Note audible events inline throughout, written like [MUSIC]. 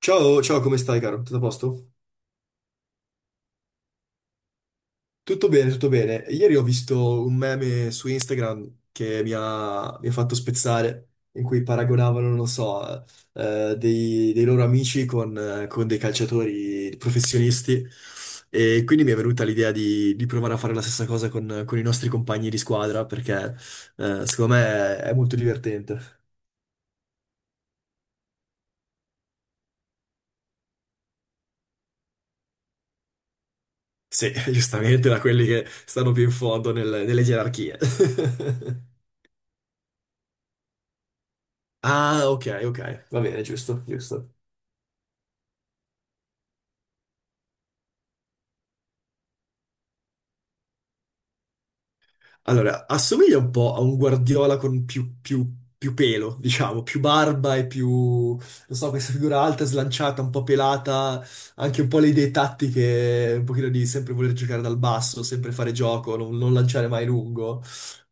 Ciao, ciao, come stai, caro? Tutto a posto? Tutto bene, tutto bene. Ieri ho visto un meme su Instagram che mi ha fatto spezzare, in cui paragonavano, non lo so, dei loro amici con dei calciatori professionisti. E quindi mi è venuta l'idea di provare a fare la stessa cosa con i nostri compagni di squadra, perché, secondo me è molto divertente. Sì, [LAUGHS] giustamente da quelli che stanno più in fondo nelle gerarchie. [LAUGHS] Ah, ok, ok, va bene, giusto, giusto. Allora, assomiglia un po' a un Guardiola con più pelo, diciamo, più barba e più, non so, questa figura alta, slanciata, un po' pelata, anche un po' le idee tattiche, un pochino di sempre voler giocare dal basso, sempre fare gioco, non lanciare mai lungo.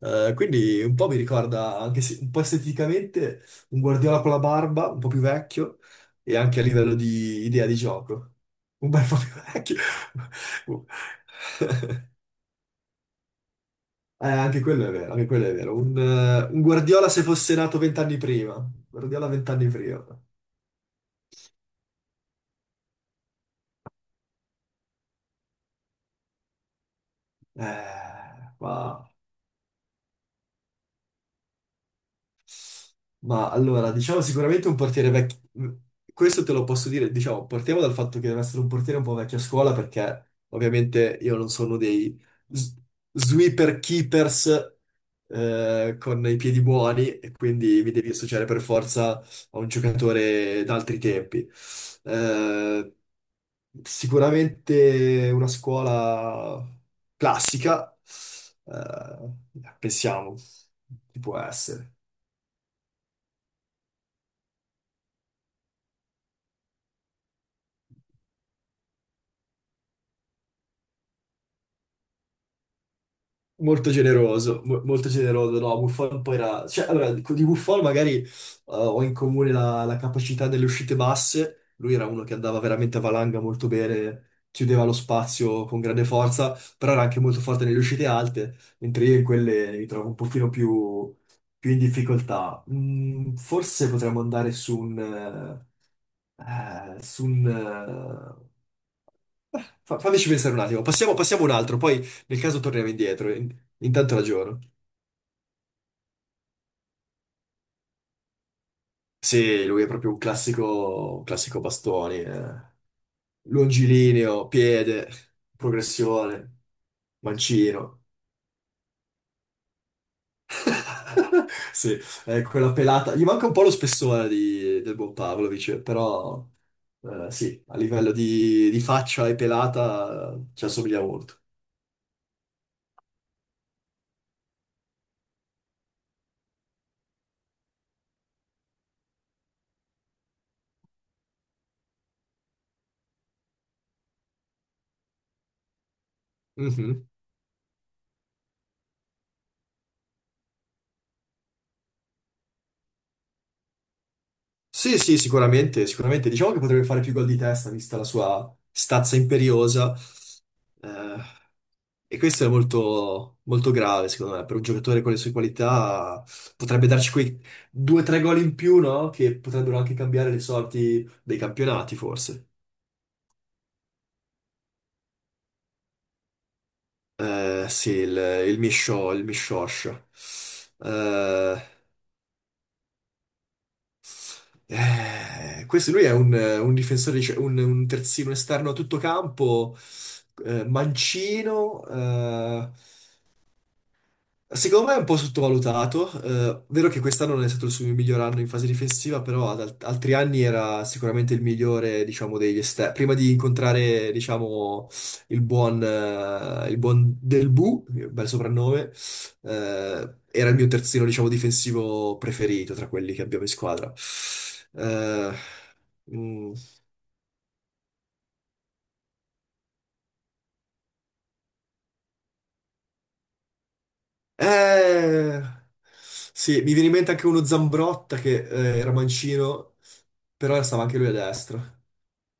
Quindi un po' mi ricorda, anche se un po' esteticamente, un Guardiola con la barba, un po' più vecchio, e anche a livello di idea di gioco. Un bel po' più vecchio. [LAUGHS] Anche quello è vero, anche quello è vero. Un Guardiola se fosse nato vent'anni prima. Guardiola vent'anni prima. Eh, ma, ma allora, diciamo sicuramente un portiere vecchio. Questo te lo posso dire, diciamo, partiamo dal fatto che deve essere un portiere un po' vecchio a scuola perché ovviamente io non sono dei s- sweeper keepers con i piedi buoni e quindi mi devi associare per forza a un giocatore d'altri tempi. Eh, Sicuramente una scuola classica, eh, pensiamo, chi può essere? Molto generoso, molto generoso, no, Buffon poi era... Cioè, allora, di Buffon magari ho in comune la capacità delle uscite basse, lui era uno che andava veramente a valanga molto bene, chiudeva lo spazio con grande forza, però era anche molto forte nelle uscite alte, mentre io in quelle mi trovo un pochino più in difficoltà. Mm, forse potremmo andare su un... fammici pensare un attimo, passiamo un altro, poi nel caso torniamo indietro, intanto ragiono. Sì, lui è proprio un classico bastoni, eh. Longilineo, piede, progressione, mancino. [LAUGHS] Sì, è quella pelata. Gli manca un po' lo spessore del buon Pavlovic, però sì, a livello di faccia e pelata ci assomiglia molto. Mhm. Sì, sì, sicuramente, sicuramente. Diciamo che potrebbe fare più gol di testa, vista la sua stazza imperiosa. Eh, e questo è molto, molto grave, secondo me, per un giocatore con le sue qualità potrebbe darci quei due o tre gol in più, no? Che potrebbero anche cambiare le sorti dei campionati, forse. Sì, il Misho, il Mishosh. Eh, Questo lui è un difensore, un terzino esterno a tutto campo, mancino, eh. Secondo me è un po' sottovalutato, vero che quest'anno non è stato il suo miglior anno in fase difensiva, però ad altri anni era sicuramente il migliore, diciamo, degli esterni. Prima di incontrare, diciamo, il buon Delbu, bel soprannome, era il mio terzino, diciamo, difensivo preferito tra quelli che abbiamo in squadra. Eh, mm, eh, sì, mi viene in mente anche uno Zambrotta che, era mancino, però stava anche lui a destra.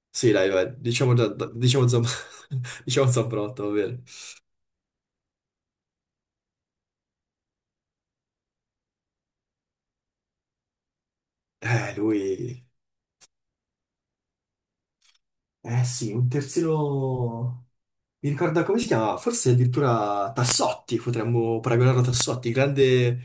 Sì, dai, vai, diciamo, diciamo, [LAUGHS] diciamo Zambrotta, va bene. Lui... Eh sì, un terzino... Mi ricordo come si chiama? Forse addirittura Tassotti, potremmo paragonarlo a Tassotti, grande...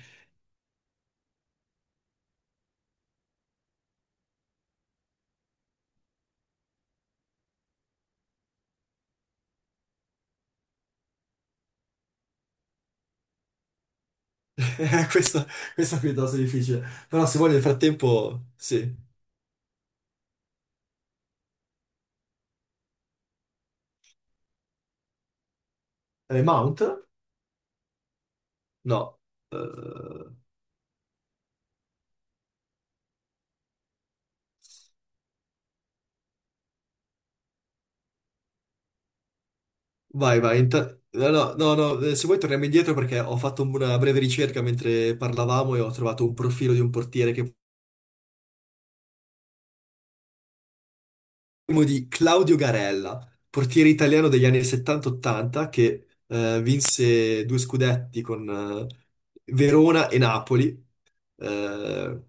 [LAUGHS] Questa, questa è piuttosto difficile. Però se vuoi nel frattempo... Sì. Mount? No. Eh, vai, vai. No, no, no, no, se vuoi torniamo indietro perché ho fatto una breve ricerca mentre parlavamo e ho trovato un profilo di un portiere che parliamo di Claudio Garella, portiere italiano degli anni 70-80 che vinse due scudetti con Verona e Napoli. Eh,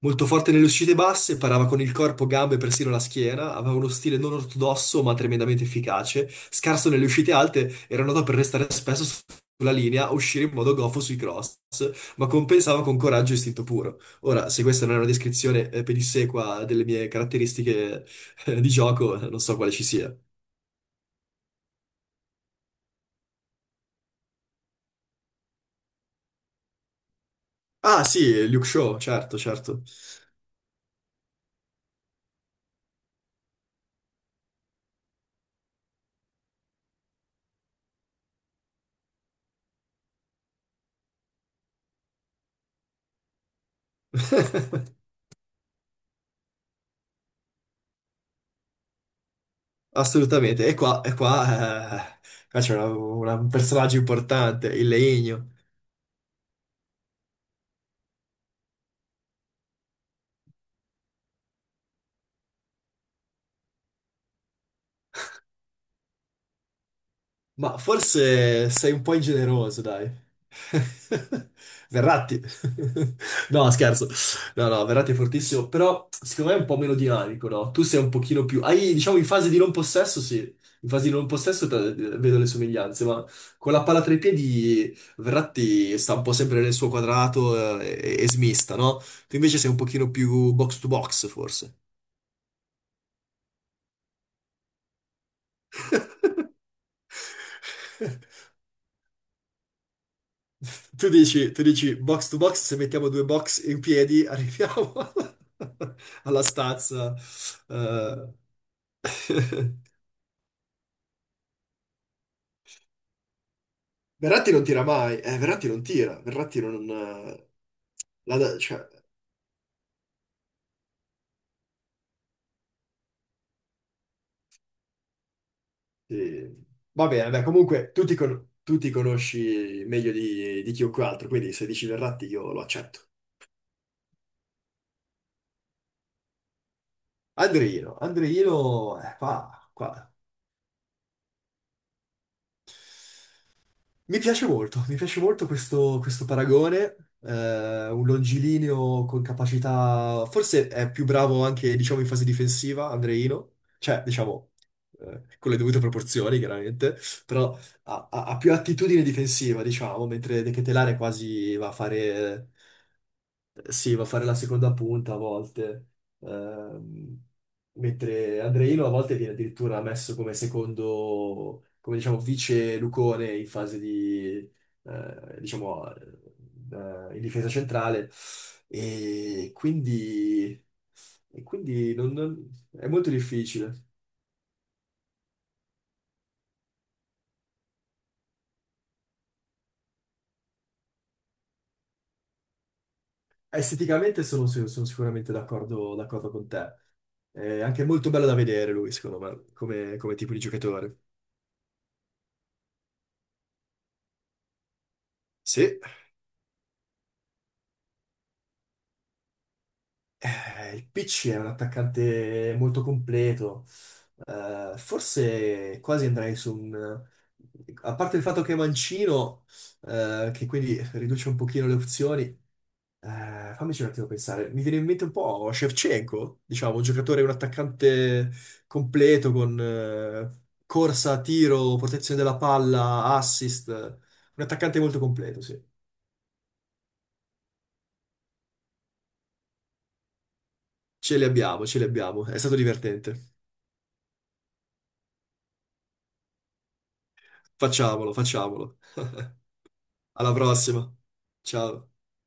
Molto forte nelle uscite basse, parava con il corpo, gambe e persino la schiena, aveva uno stile non ortodosso ma tremendamente efficace. Scarso nelle uscite alte, era noto per restare spesso sulla linea, uscire in modo goffo sui cross, ma compensava con coraggio e istinto puro. Ora, se questa non è una descrizione pedissequa delle mie caratteristiche, di gioco, non so quale ci sia. Ah, sì, Luke Shaw, certo, certo. [LAUGHS] Assolutamente. Qua c'è un personaggio importante, il legno. Ma forse sei un po' ingeneroso, dai. [LAUGHS] Verratti. [LAUGHS] No, scherzo. No, no, Verratti è fortissimo, però secondo me è un po' meno dinamico, no? Tu sei un pochino più... Hai, diciamo, in fase di non possesso, sì. In fase di non possesso vedo le somiglianze, ma con la palla tra i piedi Verratti sta un po' sempre nel suo quadrato e smista, no? Tu invece sei un pochino più box to box, forse. [LAUGHS] [LAUGHS] Tu dici box to box, se mettiamo due box in piedi arriviamo [LAUGHS] alla stazza. Eh. [LAUGHS] Verratti non tira mai, Verratti non tira, Verratti non... cioè, eh, va bene, beh, comunque tu ti conosci meglio di chiunque altro, quindi se dici Verratti io lo accetto. Andreino, qua, qua mi piace molto, mi piace molto questo paragone, un longilineo con capacità, forse è più bravo anche, diciamo, in fase difensiva, Andreino, cioè, diciamo, con le dovute proporzioni, chiaramente, però ha più attitudine difensiva, diciamo, mentre De Ketelare quasi va a fare sì, va a fare la seconda punta a volte, ehm, mentre Andreino a volte viene addirittura messo come secondo, come diciamo, vice Lucone in fase di, diciamo, in difesa centrale. E quindi, e quindi è molto difficile. Esteticamente sono, sì, sono sicuramente d'accordo con te. È anche molto bello da vedere lui, secondo me, come tipo di giocatore. Sì. Il PC è un attaccante molto completo. Forse quasi andrei su un... A parte il fatto che è mancino, che quindi riduce un pochino le opzioni, fammici un attimo pensare. Mi viene in mente un po' Shevchenko, diciamo, un giocatore, un attaccante completo con corsa, tiro, protezione della palla, assist. Un attaccante molto completo, sì. Ce li abbiamo, ce li abbiamo. È stato divertente. Facciamolo, facciamolo. [LAUGHS] Alla prossima. Ciao.